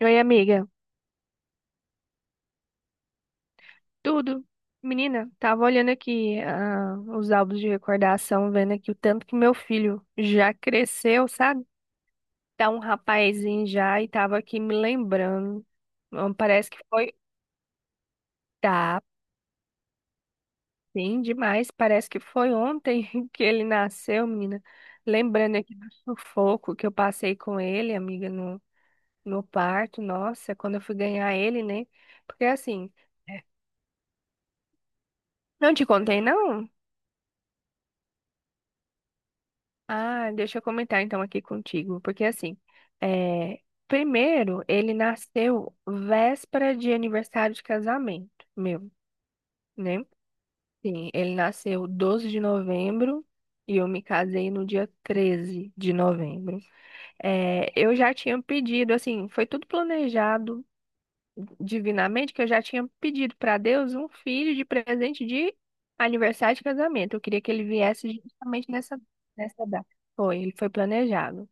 Oi, amiga. Tudo? Menina, tava olhando aqui os álbuns de recordação, vendo aqui o tanto que meu filho já cresceu, sabe? Tá um rapazinho já e tava aqui me lembrando. Parece que foi. Tá, sim, demais. Parece que foi ontem que ele nasceu, menina. Lembrando aqui do sufoco que eu passei com ele, amiga, no parto. Nossa, quando eu fui ganhar ele, né? Porque assim, não te contei, não? Ah, deixa eu comentar então aqui contigo, porque assim, é, primeiro ele nasceu véspera de aniversário de casamento meu, né? Sim, ele nasceu 12 de novembro e eu me casei no dia 13 de novembro. É, eu já tinha pedido, assim, foi tudo planejado divinamente, que eu já tinha pedido para Deus um filho de presente de aniversário de casamento. Eu queria que ele viesse justamente nessa data. Foi, ele foi planejado.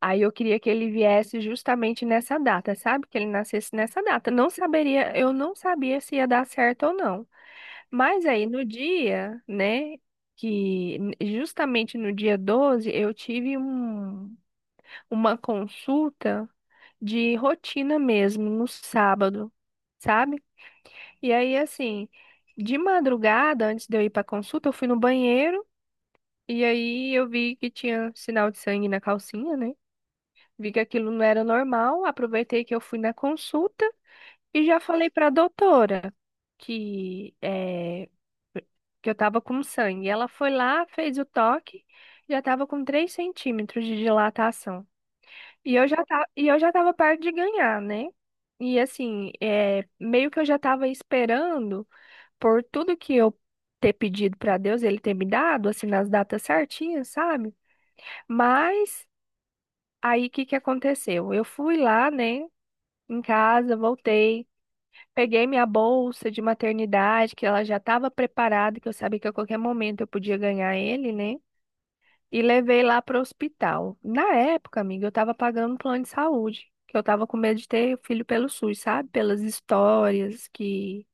Aí eu queria que ele viesse justamente nessa data, sabe? Que ele nascesse nessa data. Não saberia, eu não sabia se ia dar certo ou não. Mas aí no dia, né, que justamente no dia 12 eu tive uma consulta de rotina mesmo, no sábado, sabe? E aí assim, de madrugada, antes de eu ir para consulta, eu fui no banheiro e aí eu vi que tinha sinal de sangue na calcinha, né? Vi que aquilo não era normal, aproveitei que eu fui na consulta e já falei para a doutora que, eh, que eu estava com sangue. Ela foi lá, fez o toque, já estava com 3 centímetros de dilatação. E eu já estava perto de ganhar, né? E assim, é meio que eu já estava esperando por tudo que eu ter pedido para Deus, ele ter me dado, assim, nas datas certinhas, sabe? Mas aí o que que aconteceu? Eu fui lá, né, em casa, voltei, peguei minha bolsa de maternidade, que ela já estava preparada, que eu sabia que a qualquer momento eu podia ganhar ele, né? E levei lá para o hospital. Na época, amiga, eu estava pagando um plano de saúde, que eu estava com medo de ter filho pelo SUS, sabe? Pelas histórias que,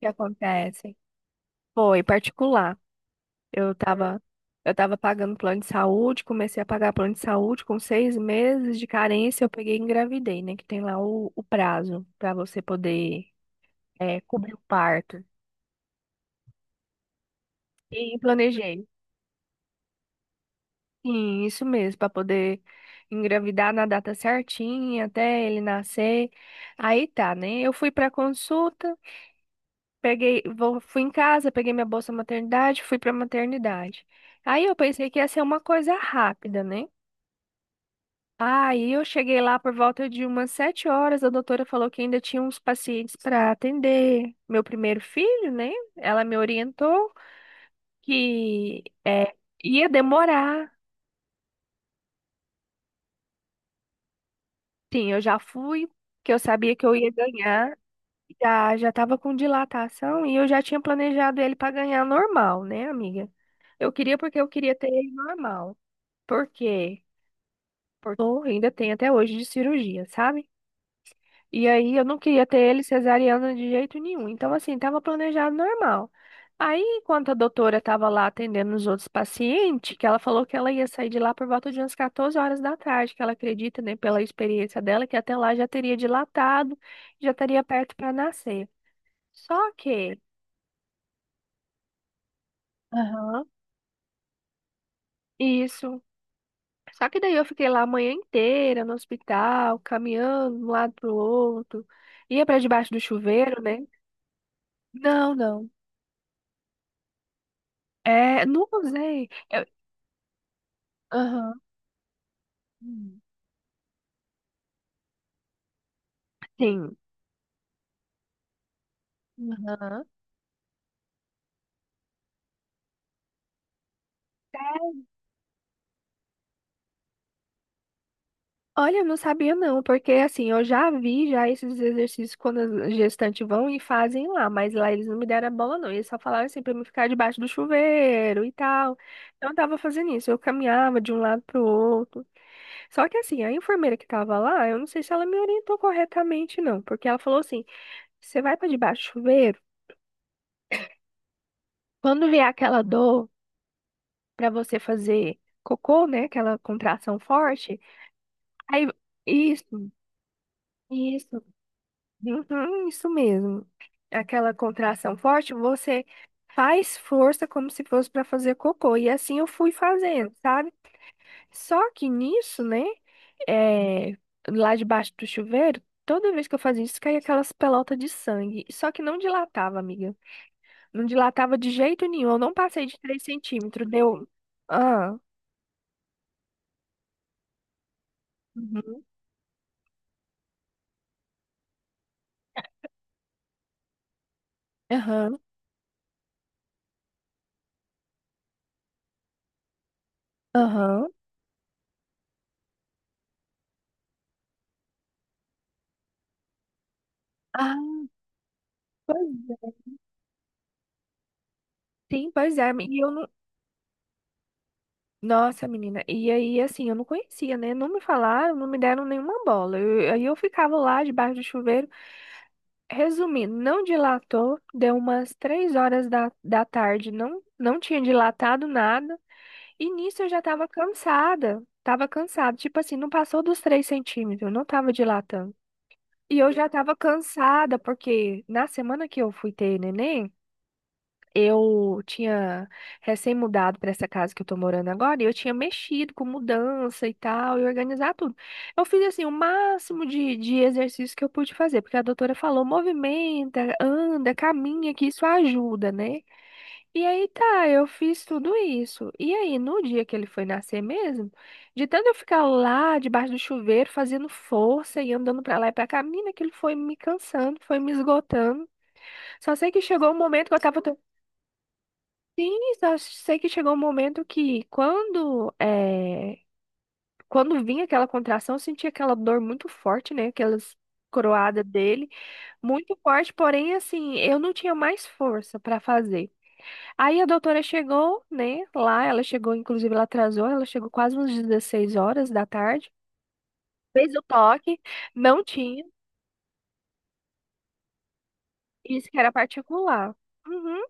que acontecem. Foi particular. Eu estava, eu tava pagando plano de saúde, comecei a pagar plano de saúde com 6 meses de carência, eu peguei e engravidei, né? Que tem lá o prazo para você poder é, cobrir o parto. E planejei. Sim, isso mesmo, para poder engravidar na data certinha, até ele nascer. Aí tá, né? Eu fui para consulta, peguei, fui em casa, peguei minha bolsa maternidade, fui para maternidade. Aí eu pensei que ia ser uma coisa rápida, né? Aí eu cheguei lá por volta de umas 7 horas, a doutora falou que ainda tinha uns pacientes para atender meu primeiro filho, né? Ela me orientou que é, ia demorar. Sim, eu já fui, que eu sabia que eu ia ganhar. Já, já tava com dilatação e eu já tinha planejado ele para ganhar normal, né, amiga? Eu queria porque eu queria ter ele normal. Por quê? Porque eu ainda tenho até hoje de cirurgia, sabe? E aí eu não queria ter ele cesariana de jeito nenhum. Então, assim, tava planejado normal. Aí, enquanto a doutora estava lá atendendo os outros pacientes, que ela falou que ela ia sair de lá por volta de umas 14 horas da tarde, que ela acredita, né, pela experiência dela, que até lá já teria dilatado, já estaria perto para nascer. Só que aham, isso. Só que daí eu fiquei lá a manhã inteira no hospital, caminhando de um lado pro outro. Ia para debaixo do chuveiro, né? Não, não. É, não usei. Aham. Hum. Sim. Aham. Olha, eu não sabia não, porque assim, eu já vi já esses exercícios quando as gestantes vão e fazem lá, mas lá eles não me deram a bola não, eles só falaram assim pra mim ficar debaixo do chuveiro e tal. Então eu tava fazendo isso, eu caminhava de um lado pro outro. Só que assim, a enfermeira que tava lá, eu não sei se ela me orientou corretamente não, porque ela falou assim: "Você vai pra debaixo do chuveiro, quando vier aquela dor pra você fazer cocô, né, aquela contração forte, aí isso". Isso, uhum, isso mesmo. Aquela contração forte, você faz força como se fosse para fazer cocô. E assim eu fui fazendo, sabe? Só que nisso, né? É, lá debaixo do chuveiro, toda vez que eu fazia isso, caía aquelas pelotas de sangue. Só que não dilatava, amiga. Não dilatava de jeito nenhum. Eu não passei de 3 centímetros. Deu. Ah, uhum, aham, aham. Ah, pois é. Sim, pois é. E eu não. Nossa, menina. E aí, assim, eu não conhecia, né? Não me falaram, não me deram nenhuma bola. Aí eu ficava lá debaixo do chuveiro. Resumindo, não dilatou, deu umas 3 horas da tarde, não, não tinha dilatado nada. E nisso eu já tava cansada. Tava cansada. Tipo assim, não passou dos 3 centímetros, não tava dilatando. E eu já tava cansada, porque na semana que eu fui ter neném. Eu tinha recém-mudado para essa casa que eu tô morando agora e eu tinha mexido com mudança e tal, e organizar tudo. Eu fiz assim o máximo de exercício que eu pude fazer, porque a doutora falou: movimenta, anda, caminha, que isso ajuda, né? E aí tá, eu fiz tudo isso. E aí, no dia que ele foi nascer mesmo, de tanto eu ficar lá debaixo do chuveiro fazendo força e andando pra lá e pra cá, menina, aquilo foi me cansando, foi me esgotando. Só sei que chegou um momento que eu tava. Sim, só sei que chegou um momento que quando é, quando vinha aquela contração, eu sentia aquela dor muito forte, né? Aquelas coroadas dele, muito forte, porém assim, eu não tinha mais força para fazer. Aí a doutora chegou, né, lá, ela chegou, inclusive ela atrasou, ela chegou quase umas 16 horas da tarde, fez o toque, não tinha, disse que era particular. Uhum.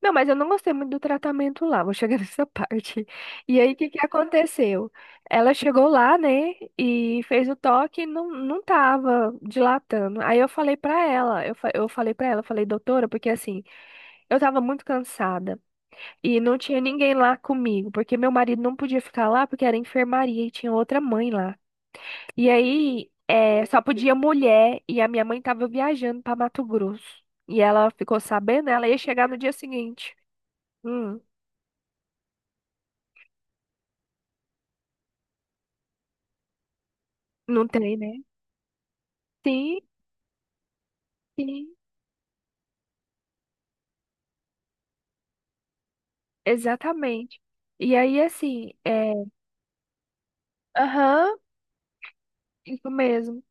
Não, mas eu não gostei muito do tratamento lá, vou chegar nessa parte. E aí, o que que aconteceu? Ela chegou lá, né, e fez o toque e não, não tava dilatando. Aí eu falei pra ela, eu falei pra ela, eu falei, doutora, porque assim, eu tava muito cansada e não tinha ninguém lá comigo, porque meu marido não podia ficar lá porque era enfermaria e tinha outra mãe lá. E aí, é, só podia mulher e a minha mãe tava viajando pra Mato Grosso. E ela ficou sabendo, ela ia chegar no dia seguinte. Hum. Não tem, né? Sim, sim, exatamente. E aí, assim, é. Aham, isso mesmo.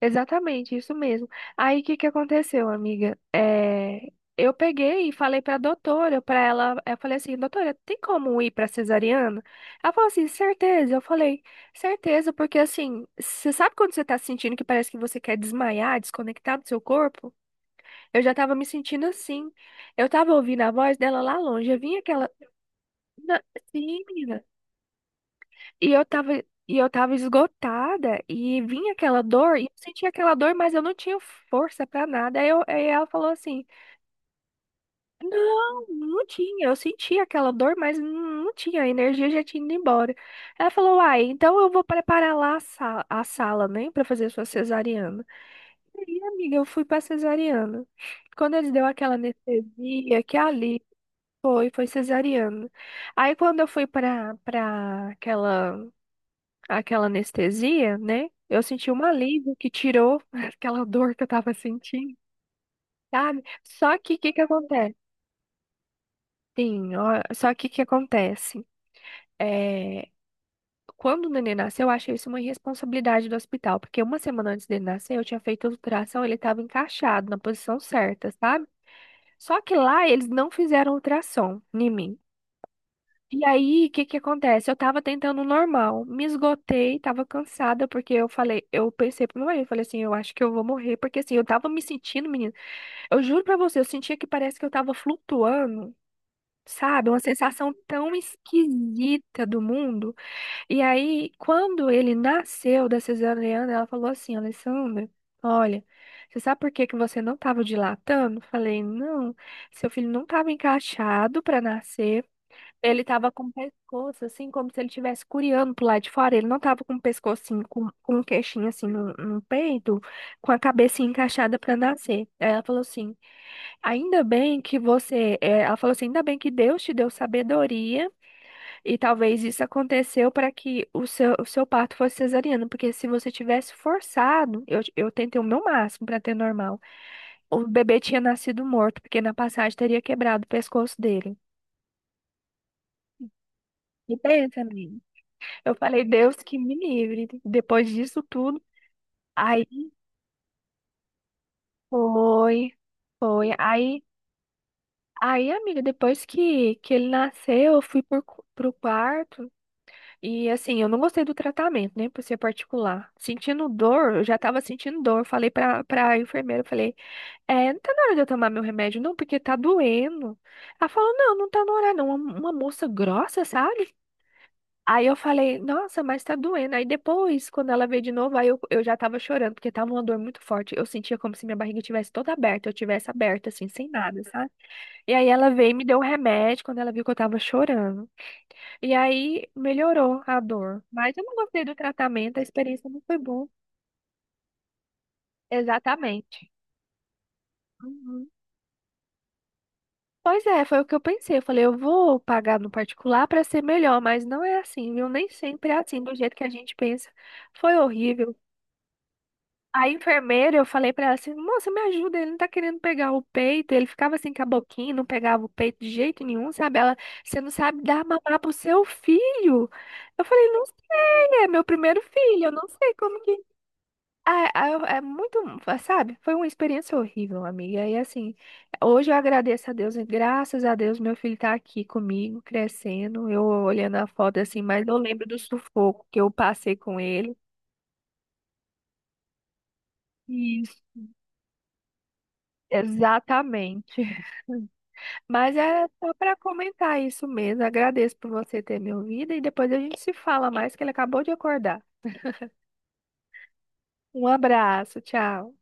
Exatamente, isso mesmo. Aí, o que que aconteceu, amiga? É, eu peguei e falei pra doutora, pra ela. Eu falei assim, doutora, tem como ir pra cesariana? Ela falou assim, certeza. Eu falei, certeza, porque assim, você sabe quando você tá sentindo que parece que você quer desmaiar, desconectar do seu corpo? Eu já tava me sentindo assim. Eu tava ouvindo a voz dela lá longe. Eu vinha aquela. Na- Sim, menina. E eu tava, e eu tava esgotada e vinha aquela dor, e eu sentia aquela dor, mas eu não tinha força pra nada. Aí ela falou assim: Não, não tinha. Eu sentia aquela dor, mas não não tinha. A energia já tinha ido embora. Ela falou: Uai, então eu vou preparar lá a sala, né, pra fazer sua cesariana. E amiga, eu fui pra cesariana. Quando eles deu aquela anestesia, que ali foi, foi cesariana. Aí quando eu fui pra aquela, aquela anestesia, né? Eu senti um alívio que tirou aquela dor que eu tava sentindo, sabe? Só que o que que acontece? Sim, ó, só que o que acontece? É, quando o neném nasceu, eu achei isso uma irresponsabilidade do hospital, porque uma semana antes dele nascer, eu tinha feito a ultrassom, ele estava encaixado na posição certa, sabe? Só que lá eles não fizeram ultrassom em mim. E aí, o que que acontece? Eu tava tentando normal, me esgotei, tava cansada, porque eu falei, eu pensei pro meu marido, eu falei assim, eu acho que eu vou morrer, porque assim, eu tava me sentindo, menina, eu juro pra você, eu sentia que parece que eu tava flutuando, sabe? Uma sensação tão esquisita do mundo. E aí, quando ele nasceu da cesariana, ela falou assim, Alessandra, olha, você sabe por que que você não tava dilatando? Eu falei, não, seu filho não tava encaixado pra nascer, ele tava com o pescoço, assim, como se ele estivesse curiando pro lado de fora. Ele não tava com o pescoço, assim, com o queixinho, assim, no peito, com a cabecinha encaixada pra nascer. Aí ela falou assim, ainda bem que você... é, ela falou assim, ainda bem que Deus te deu sabedoria e talvez isso aconteceu para que o seu parto fosse cesariano, porque se você tivesse forçado, eu tentei o meu máximo para ter normal, o bebê tinha nascido morto, porque na passagem teria quebrado o pescoço dele. E pensa, menina. Eu falei, Deus que me livre. Depois disso tudo, aí foi, foi. Aí, aí, amiga, depois que ele nasceu, eu fui por, pro quarto. E assim, eu não gostei do tratamento, né? Por ser particular. Sentindo dor, eu já tava sentindo dor. Eu falei pra enfermeira, eu falei, é, não tá na hora de eu tomar meu remédio, não, porque tá doendo. Ela falou, não, não tá na hora, não. Uma moça grossa, sabe? Aí eu falei, nossa, mas tá doendo. Aí depois, quando ela veio de novo, aí eu já tava chorando, porque tava uma dor muito forte. Eu sentia como se minha barriga tivesse toda aberta, eu tivesse aberta, assim, sem nada, sabe? E aí ela veio e me deu um remédio quando ela viu que eu tava chorando. E aí melhorou a dor. Mas eu não gostei do tratamento, a experiência não foi boa. Exatamente. Uhum. Pois é, foi o que eu pensei. Eu falei, eu vou pagar no particular para ser melhor, mas não é assim, viu? Nem sempre é assim, do jeito que a gente pensa. Foi horrível. A enfermeira, eu falei pra ela assim, moça, me ajuda, ele não tá querendo pegar o peito. Ele ficava assim com a boquinha, não pegava o peito de jeito nenhum, sabe? Ela, você não sabe dar mamar pro seu filho. Eu falei, não sei, é meu primeiro filho, eu não sei como que. Ah, ah, é muito, sabe? Foi uma experiência horrível, amiga. E assim, hoje eu agradeço a Deus, e graças a Deus meu filho tá aqui comigo, crescendo. Eu olhando a foto assim, mas eu lembro do sufoco que eu passei com ele. Isso, exatamente. Mas é só para comentar isso mesmo. Agradeço por você ter me ouvido e depois a gente se fala mais, que ele acabou de acordar. Um abraço, tchau.